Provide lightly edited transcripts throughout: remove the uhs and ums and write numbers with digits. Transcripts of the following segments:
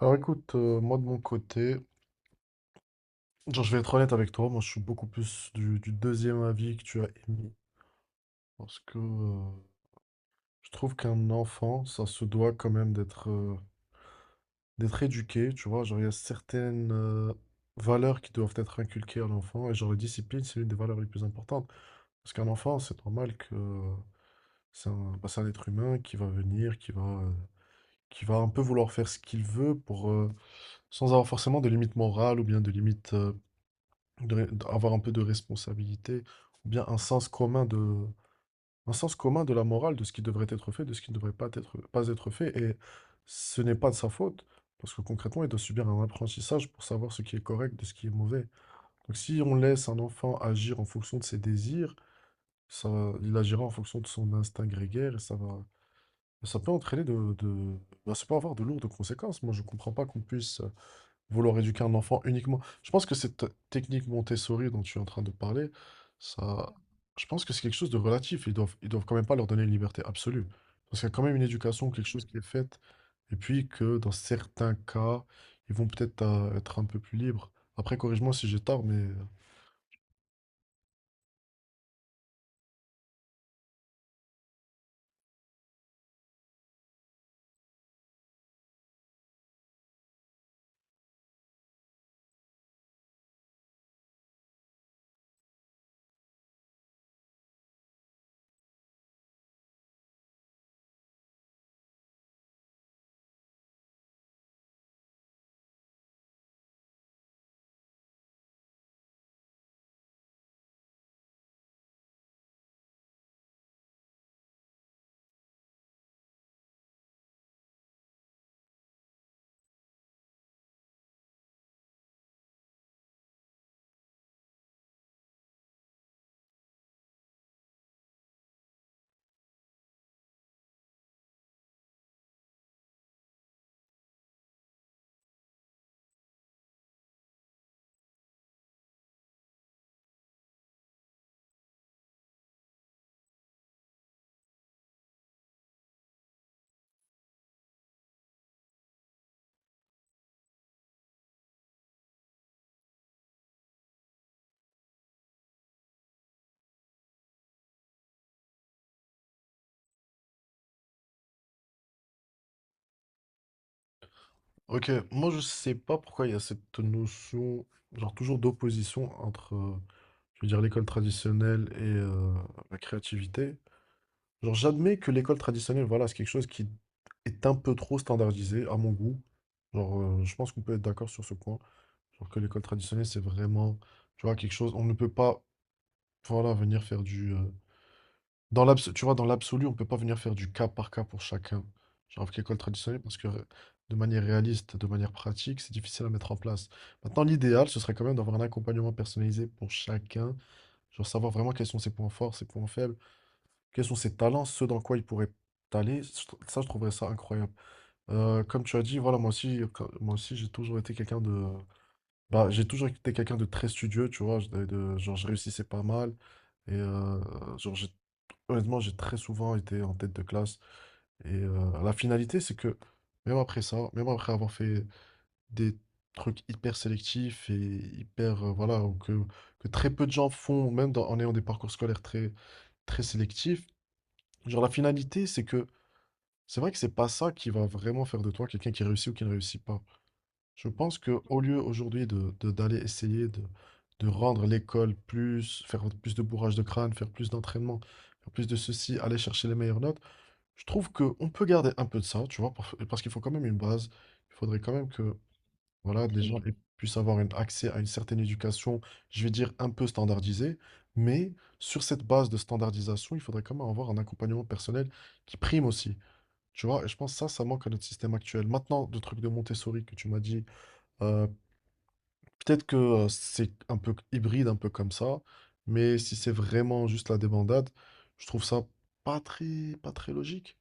Alors écoute, moi de mon côté, genre je vais être honnête avec toi, moi je suis beaucoup plus du deuxième avis que tu as émis. Parce que je trouve qu'un enfant, ça se doit quand même d'être éduqué, tu vois. Genre il y a certaines valeurs qui doivent être inculquées à l'enfant, et genre la discipline, c'est l'une des valeurs les plus importantes. Parce qu'un enfant, c'est normal que c'est un, bah, c'est un être humain qui va venir, qui va un peu vouloir faire ce qu'il veut sans avoir forcément de limites morales ou bien de limites, d'avoir un peu de responsabilité, ou bien un sens commun de la morale, de ce qui devrait être fait, de ce qui ne devrait pas être fait. Et ce n'est pas de sa faute, parce que concrètement, il doit subir un apprentissage pour savoir ce qui est correct de ce qui est mauvais. Donc si on laisse un enfant agir en fonction de ses désirs, ça, il agira en fonction de son instinct grégaire et ça peut entraîner ça peut avoir de lourdes conséquences. Moi, je ne comprends pas qu'on puisse vouloir éduquer un enfant uniquement. Je pense que cette technique Montessori dont tu es en train de parler, ça, je pense que c'est quelque chose de relatif. Ils doivent quand même pas leur donner une liberté absolue. Parce qu'il y a quand même une éducation, quelque chose qui est faite. Et puis que dans certains cas, ils vont peut-être être un peu plus libres. Après, corrige-moi si j'ai tort, mais... Ok, moi je sais pas pourquoi il y a cette notion, genre toujours d'opposition entre, je veux dire, l'école traditionnelle et la créativité. Genre, j'admets que l'école traditionnelle, voilà, c'est quelque chose qui est un peu trop standardisé à mon goût. Genre, je pense qu'on peut être d'accord sur ce point. Genre que l'école traditionnelle, c'est vraiment, tu vois, quelque chose, on ne peut pas, voilà, venir faire du... tu vois, dans l'absolu, on ne peut pas venir faire du cas par cas pour chacun. Genre avec l'école traditionnelle, parce que de manière réaliste, de manière pratique, c'est difficile à mettre en place. Maintenant, l'idéal, ce serait quand même d'avoir un accompagnement personnalisé pour chacun. Genre savoir vraiment quels sont ses points forts, ses points faibles, quels sont ses talents, ceux dans quoi il pourrait aller? Ça, je trouverais ça incroyable. Comme tu as dit, voilà, moi aussi, j'ai toujours été quelqu'un de, j'ai toujours été quelqu'un de très studieux, tu vois, je réussissais pas mal, et honnêtement, j'ai très souvent été en tête de classe. Et la finalité, c'est que même après ça, même après avoir fait des trucs hyper sélectifs et hyper, voilà, que très peu de gens font, en ayant des parcours scolaires très très sélectif. Genre, la finalité, c'est que c'est vrai que c'est pas ça qui va vraiment faire de toi quelqu'un qui réussit ou qui ne réussit pas. Je pense que au lieu aujourd'hui de, d'aller essayer de rendre l'école plus, faire plus de bourrage de crâne, faire plus d'entraînement, faire plus de ceci, aller chercher les meilleures notes, je trouve que on peut garder un peu de ça, tu vois, pour- parce qu'il faut quand même une base. Il faudrait quand même que voilà, les gens aient- puissent avoir un accès à une certaine éducation, je vais dire un peu standardisée, mais sur cette base de standardisation, il faudrait quand même avoir un accompagnement personnel qui prime aussi. Tu vois, et je pense que ça manque à notre système actuel. Maintenant, le truc de Montessori que tu m'as dit, euh, peut-être que c'est un peu hybride, un peu comme ça, mais si c'est vraiment juste la débandade, je trouve ça pas très, pas très logique.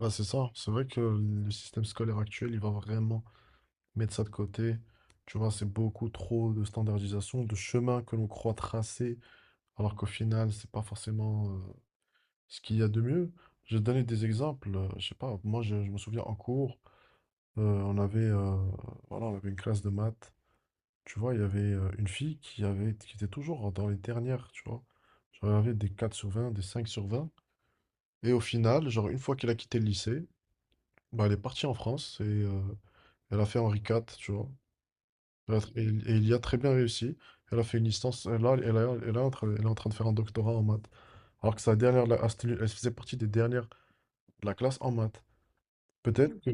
Ouais, c'est ça, c'est vrai que le système scolaire actuel, il va vraiment mettre ça de côté. Tu vois, c'est beaucoup trop de standardisation, de chemin que l'on croit tracer, alors qu'au final, c'est pas forcément ce qu'il y a de mieux. Je vais te donner des exemples. Je sais pas, moi, je me souviens en cours. On avait, voilà, on avait une classe de maths, tu vois? Il y avait une fille qui était toujours dans les dernières, tu vois? Genre, elle avait des 4/20, des 5/20, et au final, genre, une fois qu'elle a quitté le lycée, elle est partie en France et elle a fait Henri IV, tu vois? Elle a tr et il y a très bien réussi. Elle a fait une licence et là elle a elle est en train elle est en train de faire un doctorat en maths. Alors que sa dernière là, ah, elle faisait partie des dernières de la classe en maths. Peut-être que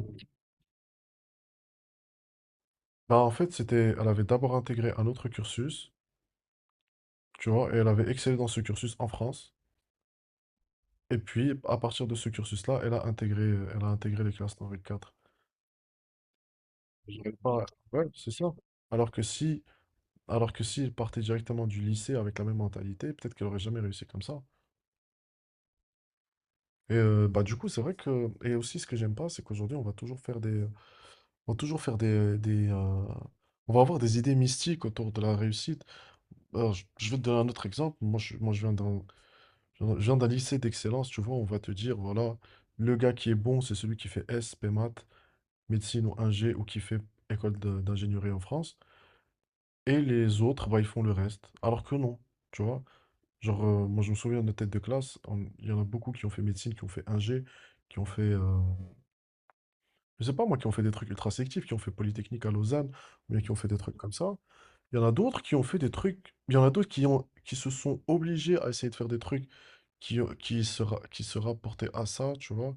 en fait, c'était elle avait d'abord intégré un autre cursus. Tu vois, et elle avait excellé dans ce cursus en France. Et puis, à partir de ce cursus-là, elle a intégré les classes dans le 4. J'aurais Ouais, pas- ouais, c'est ça. Alors que si, alors que si elle partait directement du lycée avec la même mentalité, peut-être qu'elle aurait jamais réussi comme ça. Et bah du coup, c'est vrai que, et aussi ce que j'aime pas, c'est qu'aujourd'hui on va toujours faire des, on va avoir des idées mystiques autour de la réussite. Alors, je vais te donner un autre exemple. Moi, je viens d'un je viens d'un lycée d'excellence, tu vois, on va te dire, voilà, le gars qui est bon, c'est celui qui fait S, P maths, médecine ou ingé, ou qui fait école d'ingénierie en France, et les autres, bah, ils font le reste. Alors que non, tu vois. Genre, moi, je me souviens de nos têtes de classe, on- il y en a beaucoup qui ont fait médecine, qui ont fait ingé, qui ont fait je sais pas, moi, qui ont fait des trucs ultra sélectifs, qui ont fait Polytechnique à Lausanne, ou bien qui ont fait des trucs comme ça. Il y en a d'autres qui ont fait des trucs. Il y en a d'autres qui ont, qui se sont obligés à essayer de faire des trucs qui se rapportaient à ça, tu vois.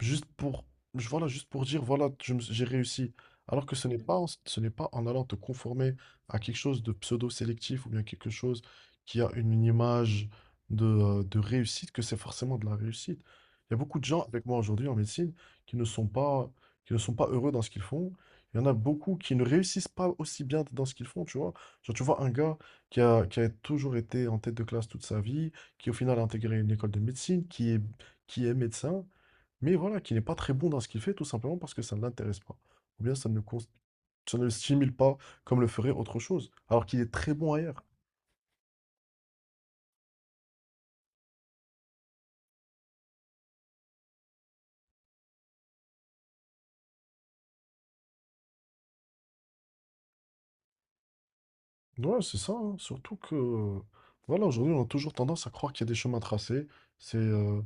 Juste pour, voilà, juste pour dire, voilà, j'ai réussi. Alors que ce n'est pas en allant te conformer à quelque chose de pseudo-sélectif ou bien quelque chose qui a une image de réussite que c'est forcément de la réussite. Il y a beaucoup de gens avec moi aujourd'hui en médecine qui ne sont pas, qui ne sont pas heureux dans ce qu'ils font. Il y en a beaucoup qui ne réussissent pas aussi bien dans ce qu'ils font, tu vois. Genre, tu vois un gars qui a toujours été en tête de classe toute sa vie, qui au final a intégré une école de médecine, qui est médecin mais voilà, qui n'est pas très bon dans ce qu'il fait, tout simplement parce que ça ne l'intéresse pas. Ou bien ça ne, cons- ça ne le stimule pas comme le ferait autre chose, alors qu'il est très bon ailleurs. Ouais, c'est ça, hein. Voilà, aujourd'hui, on a toujours tendance à croire qu'il y a des chemins tracés. C'est, euh,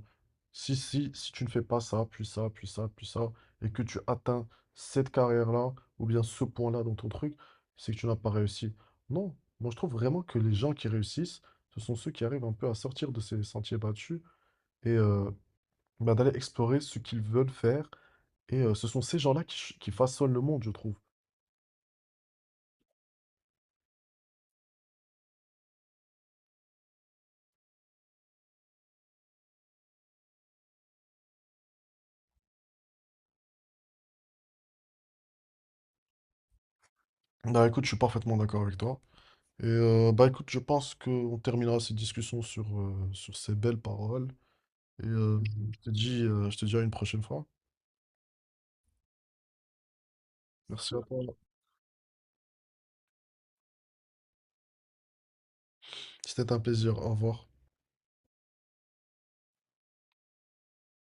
si, si tu ne fais pas ça, puis ça, puis ça, puis ça, et que tu atteins cette carrière-là, ou bien ce point-là dans ton truc, c'est que tu n'as pas réussi. Non, moi je trouve vraiment que les gens qui réussissent, ce sont ceux qui arrivent un peu à sortir de ces sentiers battus et bah, d'aller explorer ce qu'ils veulent faire. Et ce sont ces gens-là qui façonnent le monde, je trouve. Bah écoute, je suis parfaitement d'accord avec toi. Et bah écoute, je pense qu'on terminera cette discussion sur ces belles paroles. Et je te dis à une prochaine fois. Merci à toi. C'était un plaisir. Au revoir.